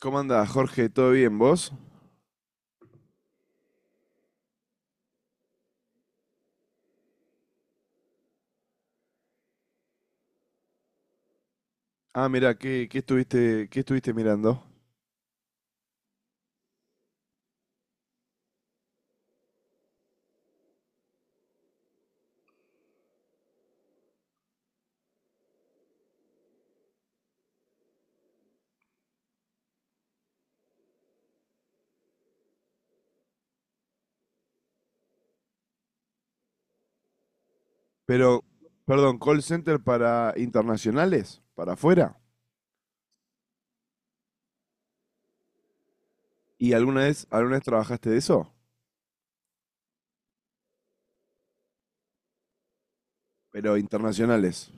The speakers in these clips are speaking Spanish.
¿Cómo andás, Jorge? ¿Todo bien, vos? Ah, mira, ¿qué estuviste mirando? Pero, Perdón, call center para internacionales, para afuera. ¿Y alguna vez trabajaste de eso? Pero internacionales.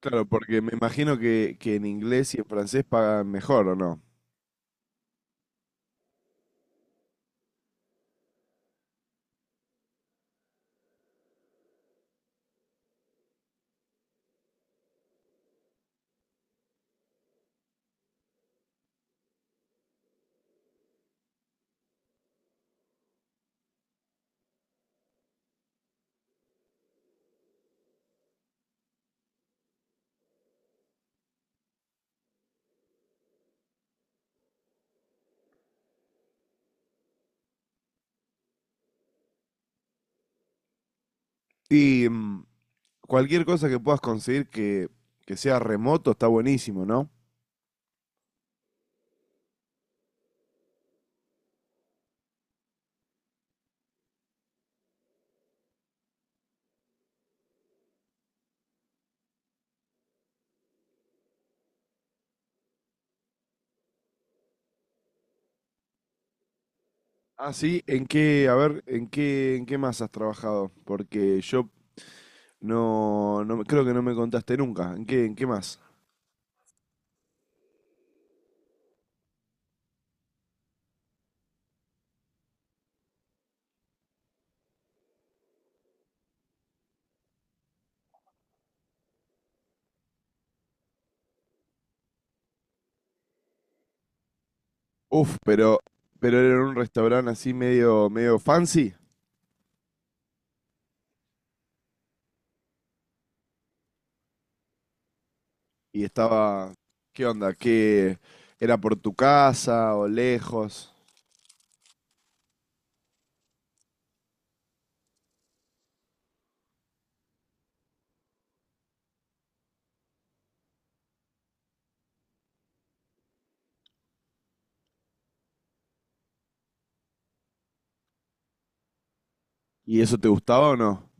Claro, porque me imagino que en inglés y en francés pagan mejor, ¿o no? Y cualquier cosa que puedas conseguir que sea remoto está buenísimo, ¿no? Ah, sí, ¿en qué, a ver, en qué más has trabajado? Porque yo creo que no me contaste nunca. En qué más? Uf, pero era en un restaurante así medio, medio fancy y estaba, ¿qué onda? ¿Qué era por tu casa o lejos? ¿Y eso te gustaba o no?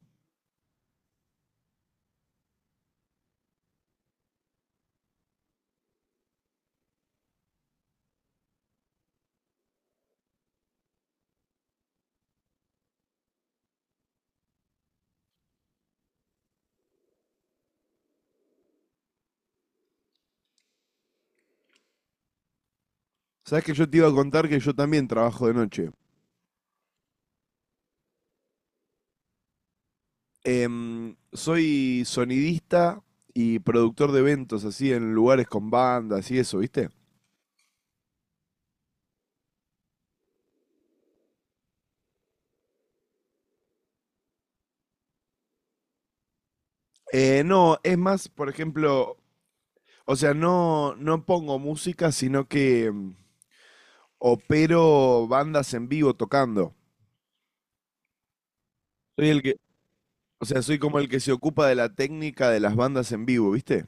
Sabes que yo te iba a contar que yo también trabajo de noche. Soy sonidista y productor de eventos así en lugares con bandas y eso, ¿viste? No, es más, por ejemplo, o sea, no pongo música, sino que opero bandas en vivo tocando. Soy el que, o sea, soy como el que se ocupa de la técnica de las bandas en vivo, ¿viste?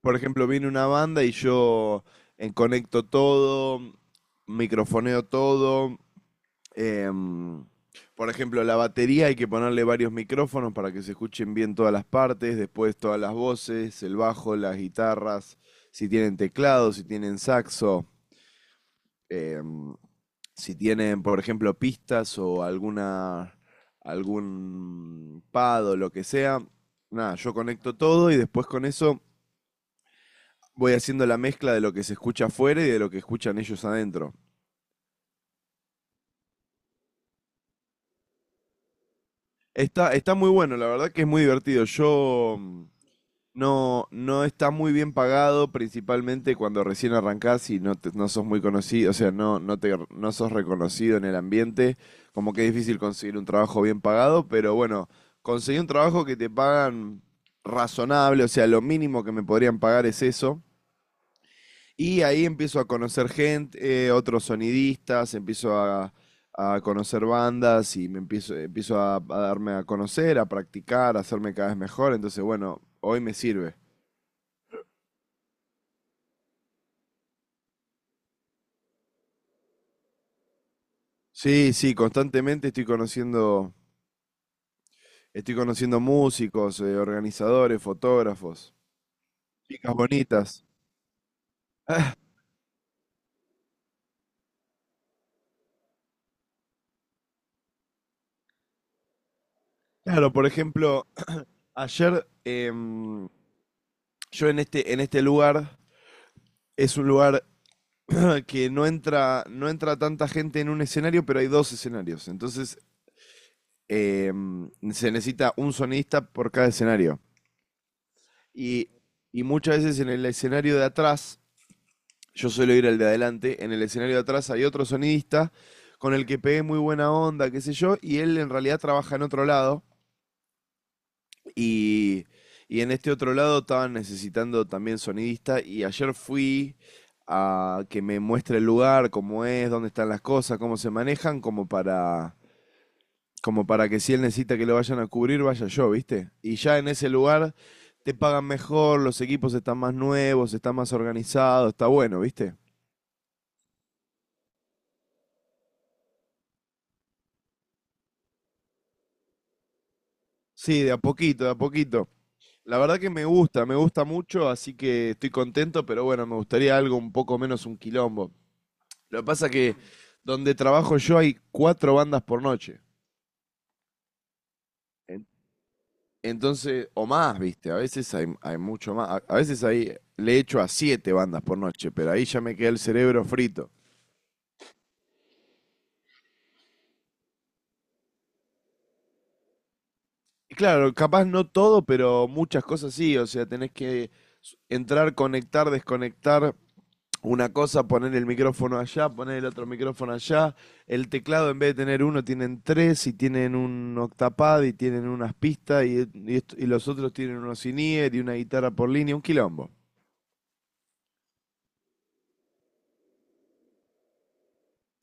Por ejemplo, viene una banda y yo conecto todo, microfoneo todo. em, por ejemplo, la batería hay que ponerle varios micrófonos para que se escuchen bien todas las partes, después todas las voces, el bajo, las guitarras, si tienen teclado, si tienen saxo. eh, si tienen, por ejemplo, pistas algún pad o lo que sea, nada, yo conecto todo y después con eso voy haciendo la mezcla de lo que se escucha afuera y de lo que escuchan ellos adentro. Está muy bueno, la verdad que es muy divertido. Yo no, no está muy bien pagado, principalmente cuando recién arrancás y no sos muy conocido, o sea, no sos reconocido en el ambiente, como que es difícil conseguir un trabajo bien pagado, pero bueno, conseguí un trabajo que te pagan razonable, o sea, lo mínimo que me podrían pagar es eso, y ahí empiezo a conocer gente, otros sonidistas, a conocer bandas y me empiezo, empiezo a darme a conocer, a practicar, a hacerme cada vez mejor, entonces bueno, hoy me sirve. Sí, sí, estoy conociendo músicos, organizadores, fotógrafos, chicas bonitas. Claro, por ejemplo, ayer yo en este lugar, es un lugar que no entra, no entra tanta gente en un escenario, pero hay dos escenarios. Entonces, se necesita un sonidista por cada escenario. Y, y muchas veces en el escenario de atrás yo suelo ir al de adelante, en el escenario de atrás hay otro sonidista con el que pegué muy buena onda, qué sé yo, y él en realidad trabaja en otro lado y, y en este otro lado estaban necesitando también sonidista y ayer fui a que me muestre el lugar, cómo es, dónde están las cosas, cómo se manejan, como para que si él necesita que lo vayan a cubrir, vaya yo, ¿viste? Y ya en ese lugar te pagan mejor, los equipos están más nuevos, están más organizados, está bueno, ¿viste? Sí, de a poquito, de a poquito. La verdad que me gusta mucho, así que estoy contento, pero bueno, me gustaría algo un poco menos un quilombo. Lo que pasa que donde trabajo yo hay cuatro bandas por noche. En- Entonces, o más, viste, a veces hay mucho más. A veces ahí le echo a siete bandas por noche, pero ahí ya me queda el cerebro frito. Y claro, capaz no todo, pero muchas cosas sí, o sea, tenés que entrar, conectar, desconectar, una cosa, poner el micrófono allá, poner el otro micrófono allá. El teclado, en vez de tener uno, tienen tres y tienen un octapad y tienen unas pistas y los otros tienen unos in-ear y una guitarra por línea, un quilombo.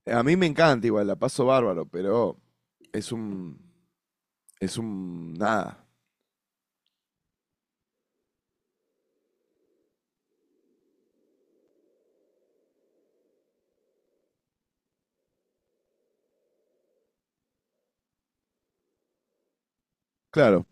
A mí me encanta igual, la paso bárbaro, pero es un... es un... nada. Claro.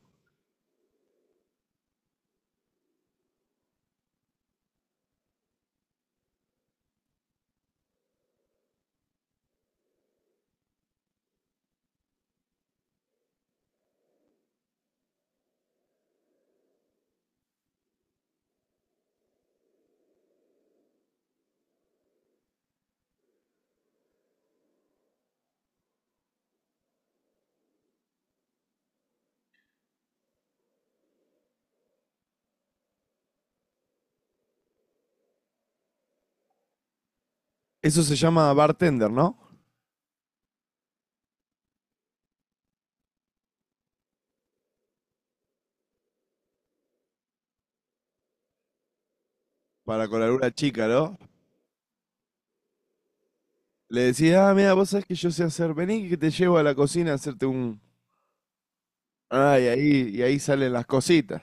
Eso se llama bartender, ¿no? Para con alguna chica, ¿no? Le decía, ah, mira, vos sabés que yo sé hacer, vení que te llevo a la cocina a hacerte un... Ah, y ahí salen las cositas.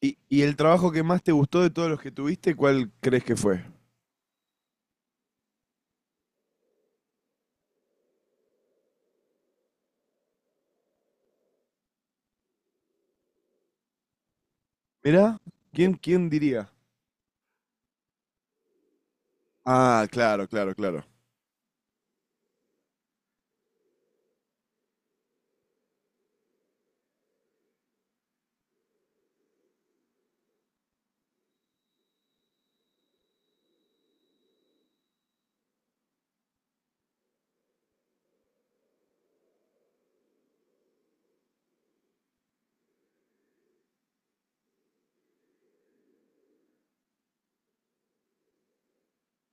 Y el trabajo que más te gustó de todos los que tuviste, cuál crees que fue? Mirá, ¿quién, quién diría? Ah, claro, claro, claro.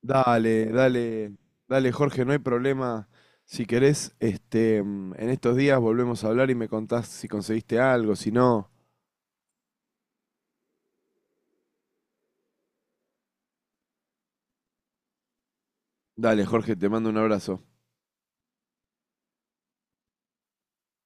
Dale, dale, Dale, Jorge, no hay problema. Si querés, en estos días volvemos a hablar y me contás si conseguiste algo, si no. Dale, Jorge, te mando un abrazo.